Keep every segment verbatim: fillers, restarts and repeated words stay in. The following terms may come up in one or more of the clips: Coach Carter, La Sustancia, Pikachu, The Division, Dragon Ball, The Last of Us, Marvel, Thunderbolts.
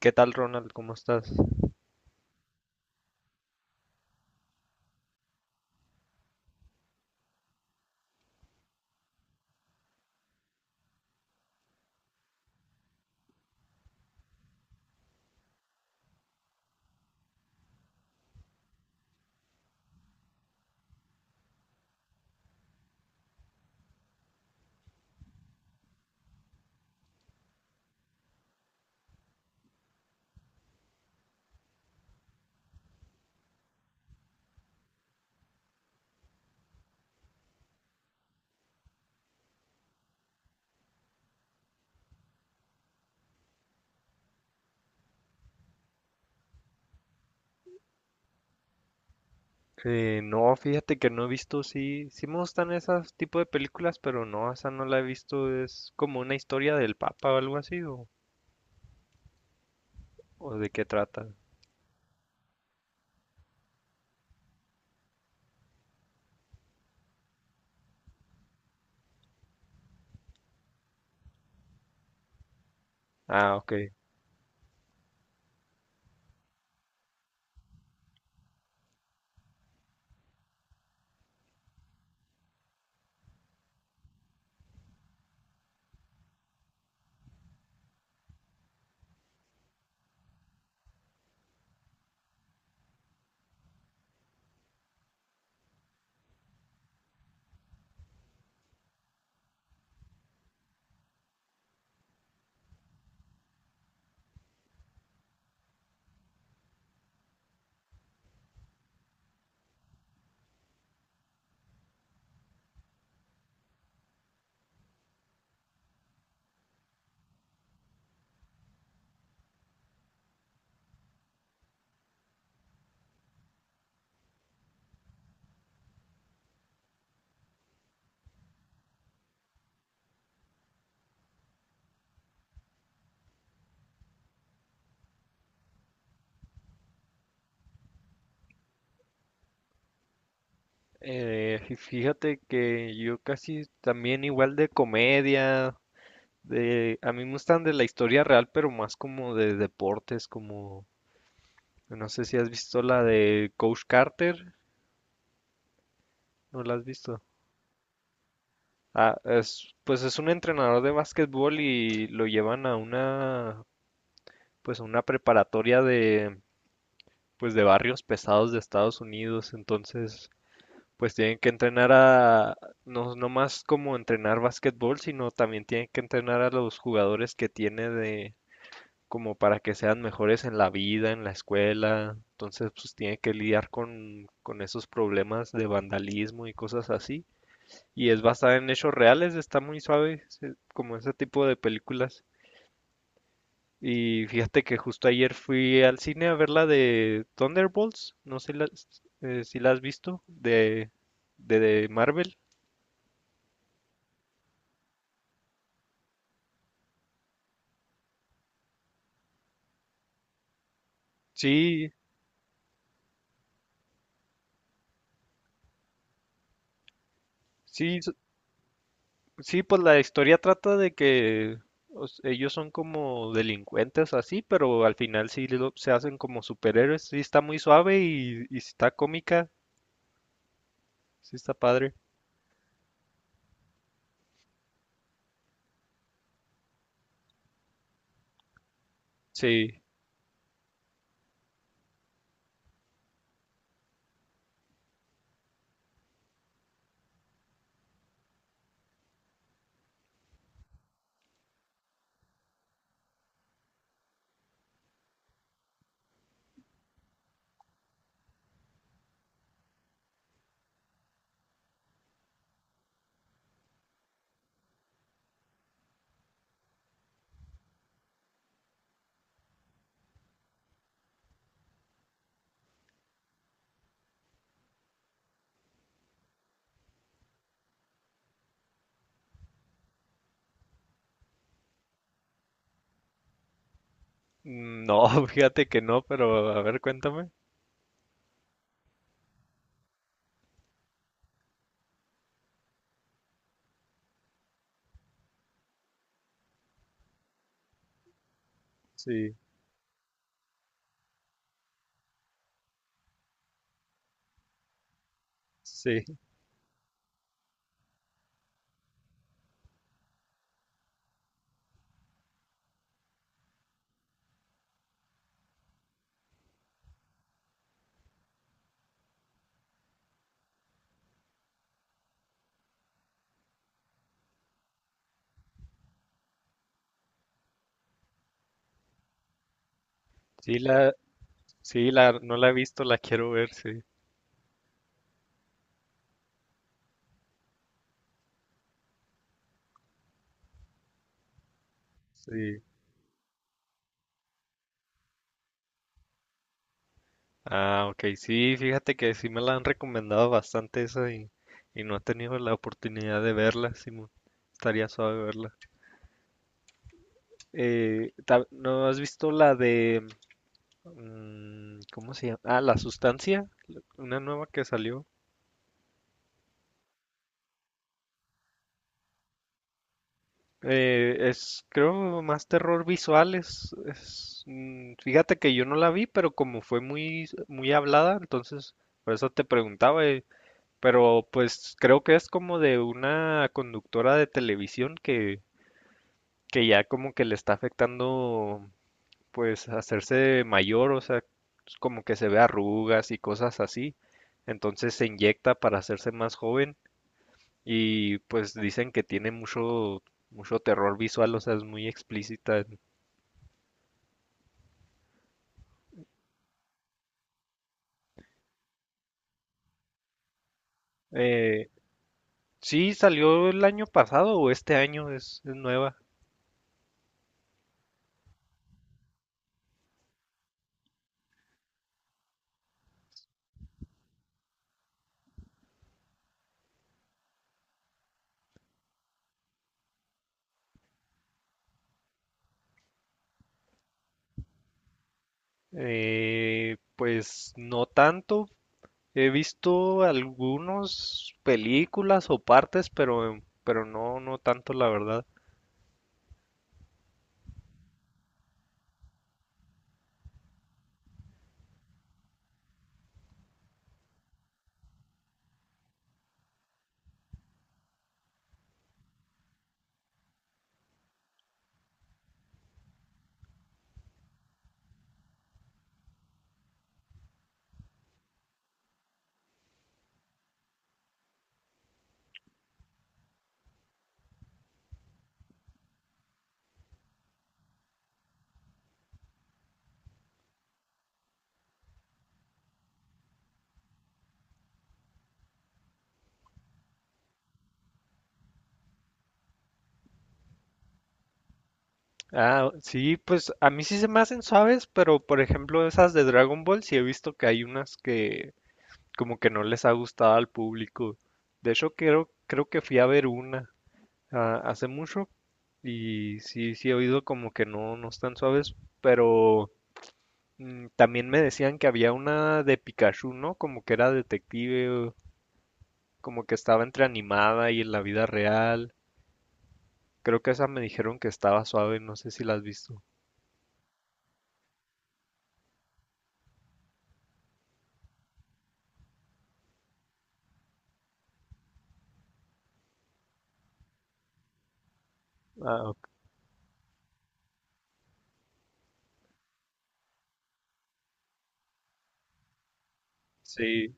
¿Qué tal, Ronald? ¿Cómo estás? Eh, no, fíjate que no he visto, sí, sí me gustan esas tipo de películas, pero no, esa no la he visto. Es como una historia del Papa o algo así, o, o de qué trata. Ah, ok. Eh, fí- fíjate que yo casi también igual de comedia, de, a mí me gustan de la historia real, pero más como de deportes, como, no sé si has visto la de Coach Carter, ¿no la has visto? Ah, es, pues es un entrenador de básquetbol y lo llevan a una, pues a una preparatoria de, pues de barrios pesados de Estados Unidos. Entonces, pues tienen que entrenar a, no, no más como entrenar básquetbol, sino también tienen que entrenar a los jugadores que tiene de, como para que sean mejores en la vida, en la escuela. Entonces, pues tiene que lidiar con, con esos problemas de vandalismo y cosas así y es basada en hechos reales, está muy suave, se- como ese tipo de películas. Y fíjate que justo ayer fui al cine a ver la de Thunderbolts, no sé si la- eh, si la has visto, de, de, de Marvel. Sí, sí, s- sí, pues la historia trata de que o s- ellos son como delincuentes así, pero al final sí lo- se hacen como superhéroes. Sí está muy suave y, y sí está cómica, sí está padre. Sí. Mm, No, fíjate que no, pero a ver, cuéntame. Sí, sí, sí la, sí la, no la he visto, la quiero ver, sí, sí. Ah, ok, sí, fíjate que sí me la han recomendado bastante esa y, y no he tenido la oportunidad de verla, Simón. Estaría suave verla. Eh, ta- ¿no has visto la de, mm, cómo se llama? Ah, La Sustancia, una nueva que salió. Eh, es, creo, más terror visual. Es, es, mm, fíjate que yo no la vi, pero como fue muy, muy hablada, entonces por eso te preguntaba. Eh, pero pues creo que es como de una conductora de televisión que, que ya como que le está afectando, pues, hacerse mayor, o sea, pues, como que se ve arrugas y cosas así. Entonces se inyecta para hacerse más joven y pues dicen que tiene mucho, mucho terror visual, o sea, es muy explícita. Eh, sí, salió el año pasado o este año, es, es nueva. Eh, pues no tanto. He visto algunas películas o partes, pero, pero no, no tanto, la verdad. Ah, sí, pues a mí sí se me hacen suaves, pero por ejemplo esas de Dragon Ball, sí he visto que hay unas que, como que no les ha gustado al público. De hecho, creo, creo que fui a ver una ah, hace mucho y sí, sí he oído como que no, no están suaves, pero mm, también me decían que había una de Pikachu, ¿no? Como que era detective, o como que estaba entre animada y en la vida real. Creo que esa me dijeron que estaba suave, no sé si la has visto. Ah, ok. Sí.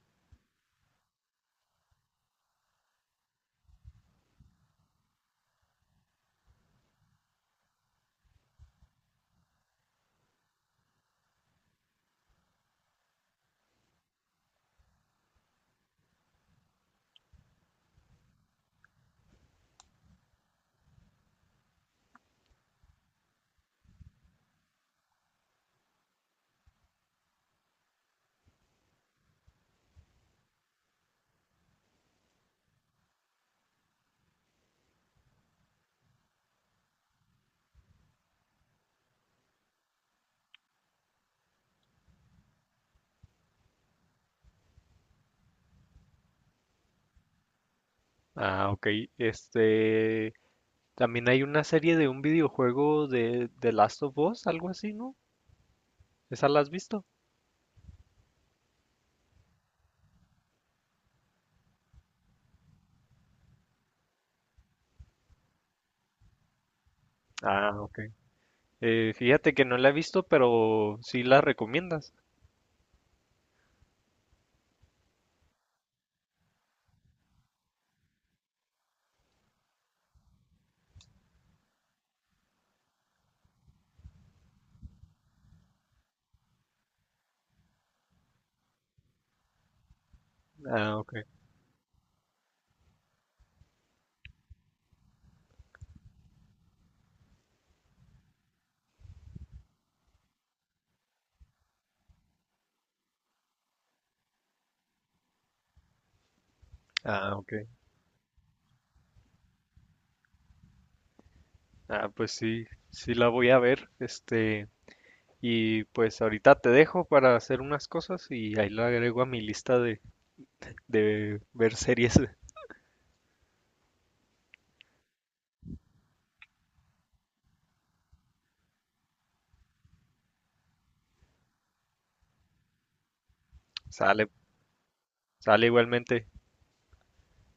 Ah, ok. Este, también hay una serie de un videojuego de The Last of Us, algo así, ¿no? ¿Esa la has visto? Ah, ok. Eh, fíjate que no la he visto, pero sí la recomiendas. Ah, ok. Ah, ok. Ah, pues sí, sí la voy a ver. Este, y pues ahorita te dejo para hacer unas cosas y ahí la agrego a mi lista de, de ver series. Sale, sale igualmente.